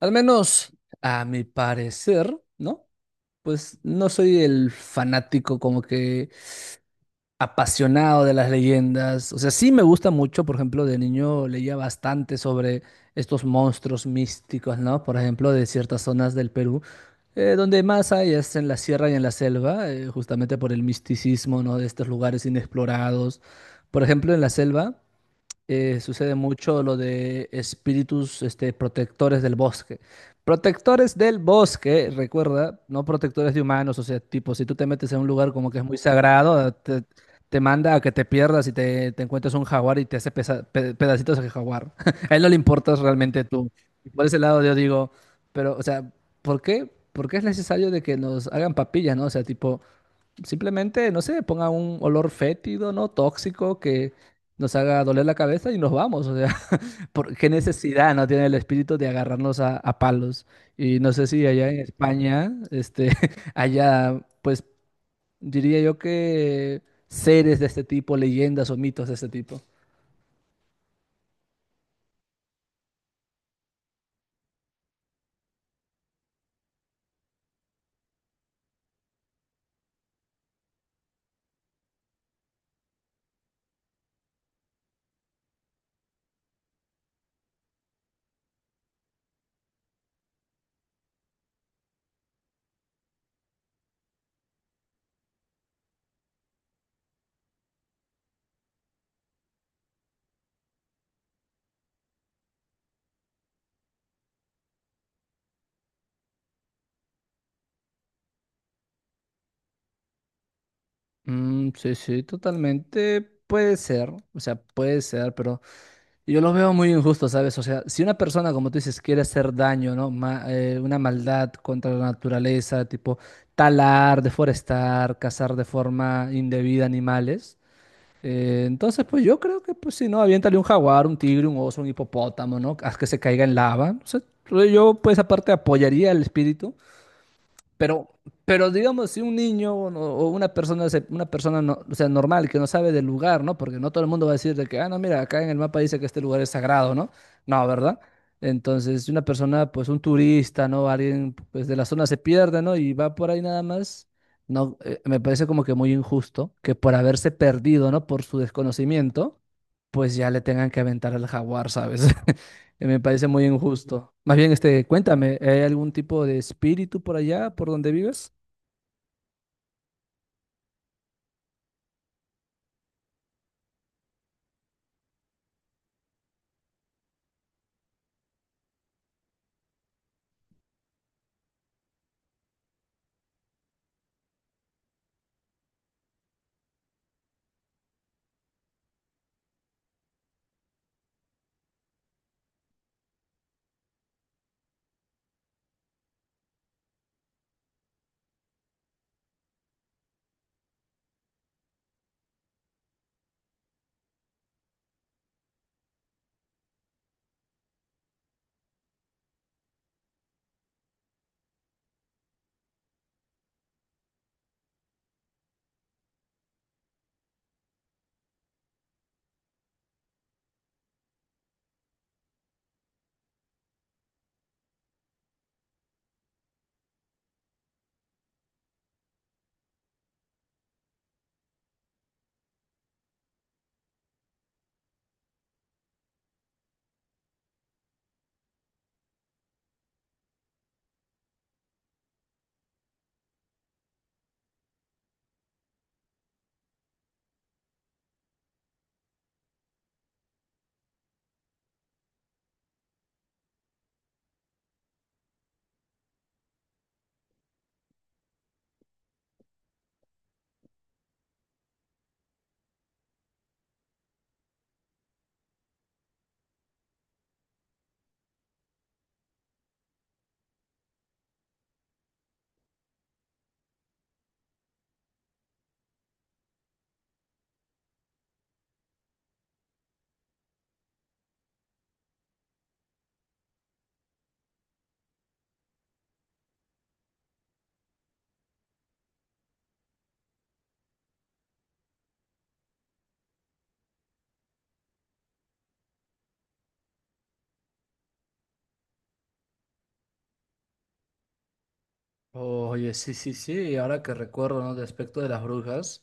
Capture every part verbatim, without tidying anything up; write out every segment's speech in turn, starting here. Al menos, a mi parecer, ¿no? Pues no soy el fanático como que apasionado de las leyendas. O sea, sí me gusta mucho, por ejemplo, de niño leía bastante sobre estos monstruos místicos, ¿no? Por ejemplo, de ciertas zonas del Perú, eh, donde más hay es en la sierra y en la selva, eh, justamente por el misticismo, ¿no? De estos lugares inexplorados. Por ejemplo, en la selva eh, sucede mucho lo de espíritus este, protectores del bosque. Protectores del bosque, recuerda, no protectores de humanos, o sea, tipo, si tú te metes en un lugar como que es muy sagrado, ah, te, te manda a que te pierdas y te, te encuentres un jaguar y te hace pesa- pe- pedacitos de jaguar. A él no le importas realmente tú. Y Por ese lado yo digo, pero, o sea, ¿por qué? ¿Por qué es necesario de que nos hagan papillas, ¿no? O sea, tipo, simplemente, no sé, ponga un olor fétido, ¿no? Tóxico que nos haga doler la cabeza y nos vamos. O sea, ¿por qué necesidad no tiene el espíritu de agarrarnos a, a palos? Y no sé si allá en España, este, allá, pues diría yo que seres de este tipo, leyendas o mitos de este tipo. Mm, sí, sí, totalmente puede ser. O sea, puede ser, pero yo los veo muy injustos, ¿sabes? O sea, si una persona, como tú dices, quiere hacer daño, ¿no? Ma- eh, una maldad contra la naturaleza, tipo talar, deforestar, cazar de forma indebida animales, eh, entonces, pues yo creo que, pues si no, aviéntale un jaguar, un tigre, un oso, un hipopótamo, ¿no? Haz que se caiga en lava. O sea, yo, pues aparte, apoyaría al espíritu pero, pero digamos, si un niño o no- o una persona, se- una persona no, o sea, normal que no sabe del lugar, ¿no? Porque no todo el mundo va a decir de que, ah, no, mira, acá en el mapa dice que este lugar es sagrado, ¿no? No, ¿verdad? Entonces, si una persona, pues un turista, ¿no? Alguien, pues de la zona se pierde, ¿no? Y va por ahí nada más, no, eh, me parece como que muy injusto que por haberse perdido, ¿no? Por su desconocimiento, pues ya le tengan que aventar al jaguar, ¿sabes? Eh, Me parece muy injusto. Más bien, este, cuéntame, ¿hay algún tipo de espíritu por allá, por donde vives? Oye, sí, sí, sí, y ahora que recuerdo, ¿no? De aspecto de las brujas,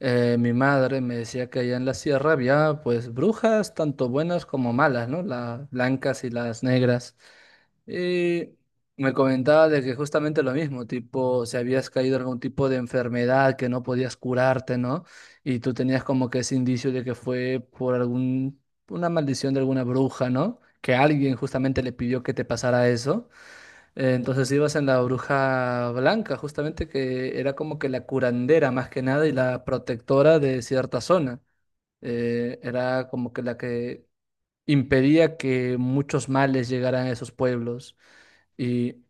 eh, mi madre me decía que allá en la sierra había, pues, brujas tanto buenas como malas, ¿no? Las blancas y las negras. Y me comentaba de que justamente lo mismo, tipo, si habías caído en algún tipo de enfermedad que no podías curarte, ¿no? Y tú tenías como que ese indicio de que fue por algún, una maldición de alguna bruja, ¿no? Que alguien justamente le pidió que te pasara eso. Eh, Entonces ibas en la bruja blanca, justamente que era como que la curandera más que nada y la protectora de cierta zona. Eh, era como que la que impedía que muchos males llegaran a esos pueblos. Y,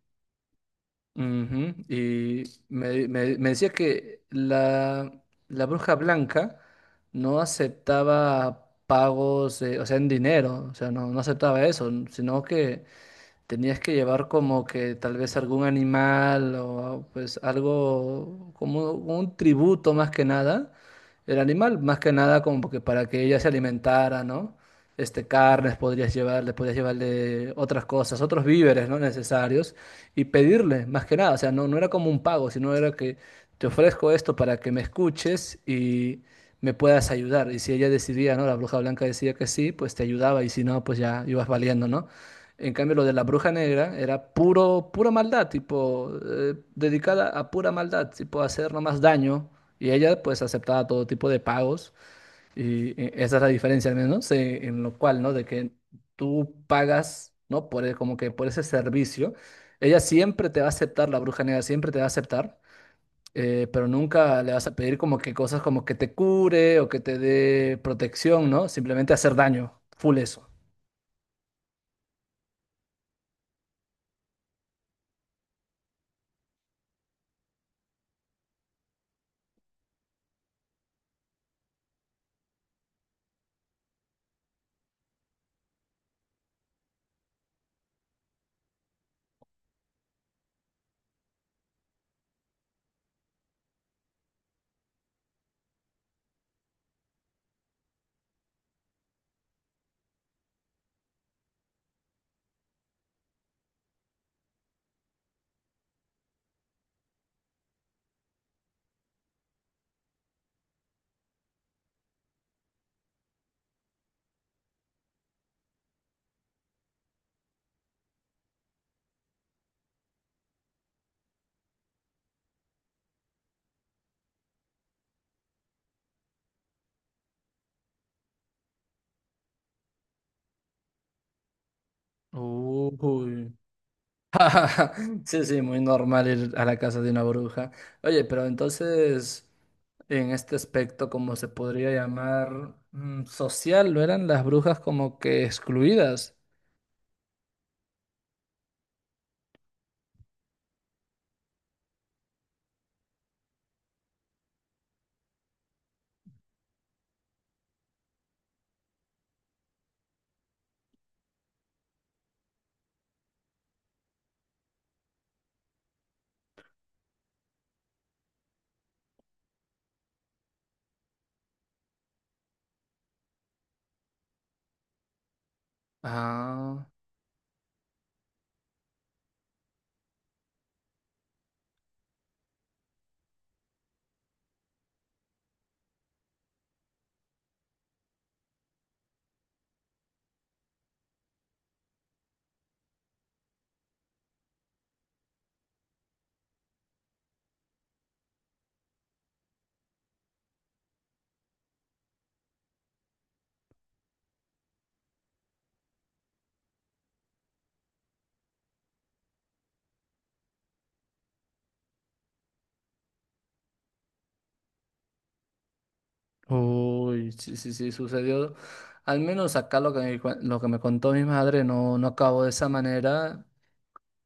ujú, y me, me- me decía que la, la bruja blanca no aceptaba pagos, eh, o sea, en dinero, o sea, no, no aceptaba eso, sino que tenías que llevar como que tal vez algún animal o pues algo como un tributo más que nada. El animal más que nada como que para que ella se alimentara, ¿no? Este, carnes podrías llevarle, podrías llevarle otras cosas, otros víveres, ¿no? Necesarios y pedirle más que nada. O sea, no, no era como un pago, sino era que te ofrezco esto para que me escuches y me puedas ayudar. Y si ella decidía, ¿no? La bruja blanca decía que sí, pues te ayudaba y si no, pues ya ibas valiendo, ¿no? En cambio, lo de la bruja negra era puro, pura maldad, tipo, eh, dedicada a pura maldad, tipo, hacer nomás daño. Y ella, pues, aceptaba todo tipo de pagos. Y eh, esa es la diferencia, al menos, eh, en lo cual, ¿no? De que tú pagas, ¿no? Por, el- como que por ese servicio. Ella siempre te va a aceptar, la bruja negra siempre te va a aceptar. Eh, pero nunca le vas a pedir como que cosas como que te cure o que te dé protección, ¿no? Simplemente hacer daño, full eso. Uy. Sí, sí, muy normal ir a la casa de una bruja. Oye, pero entonces, en este aspecto, como se podría llamar mm, social, ¿no eran las brujas como que excluidas? Ah, uy, sí, sí, sí, sucedió. Al menos acá lo que me, cuen- lo que me contó mi madre no, no acabó de esa manera.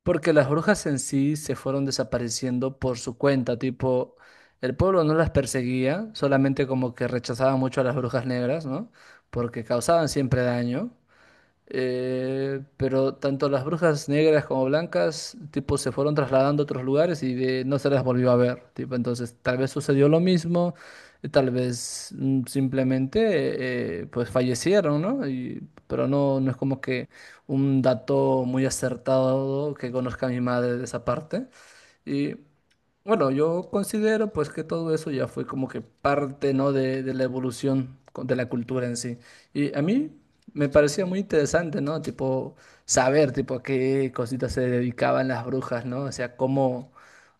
Porque las brujas en sí se fueron desapareciendo por su cuenta, tipo, el pueblo no las perseguía, solamente como que rechazaba mucho a las brujas negras, ¿no? Porque causaban siempre daño. Eh, pero tanto las brujas negras como blancas, tipo, se fueron trasladando a otros lugares y de- no se las volvió a ver, tipo, entonces tal vez sucedió lo mismo, eh, tal vez mm, simplemente, eh, pues fallecieron, ¿no? Y- pero no, no es como que un dato muy acertado que conozca mi madre de esa parte. Y bueno, yo considero pues que todo eso ya fue como que parte, ¿no? de, de la evolución con- de la cultura en sí. Y a mí me parecía muy interesante, ¿no? Tipo, saber, tipo, a qué cositas se dedicaban las brujas, ¿no? O sea, cómo, o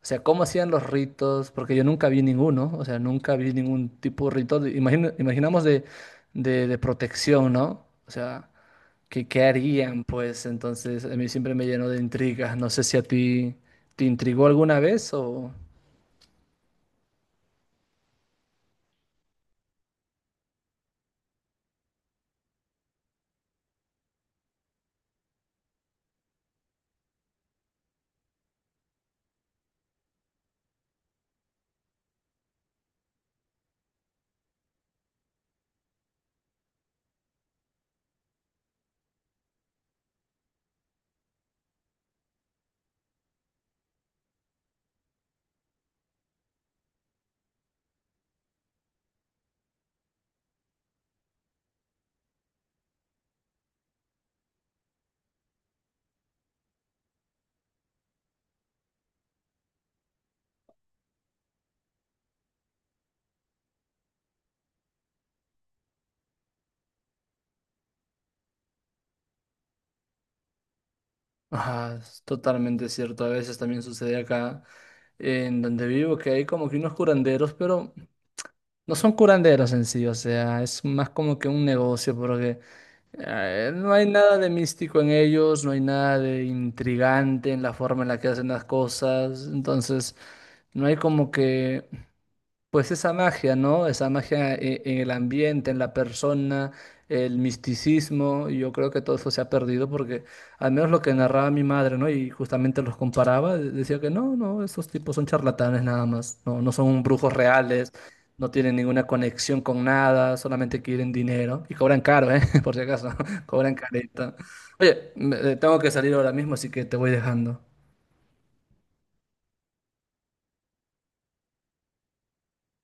sea, cómo hacían los ritos, porque yo nunca vi ninguno, o sea, nunca vi ningún tipo de rito, de- imagina- imaginamos de, de, de protección, ¿no? O sea, ¿qué, qué harían? Pues entonces a mí siempre me llenó de intrigas. No sé si a ti te intrigó alguna vez o... Ajá, es totalmente cierto. A veces también sucede acá en donde vivo que hay como que unos curanderos, pero no son curanderos en sí, o sea, es más como que un negocio porque eh, no hay nada de místico en ellos, no hay nada de intrigante en la forma en la que hacen las cosas, entonces no hay como que pues esa magia, ¿no? Esa magia e- en el ambiente, en la persona, el misticismo, y yo creo que todo eso se ha perdido porque al menos lo que narraba mi madre, ¿no? Y justamente los comparaba, de- decía que no, no, esos tipos son charlatanes nada más, no, no son brujos reales, no tienen ninguna conexión con nada, solamente quieren dinero y cobran caro, ¿eh? Por si acaso, cobran careta. Oye, me- eh, tengo que salir ahora mismo, así que te voy dejando.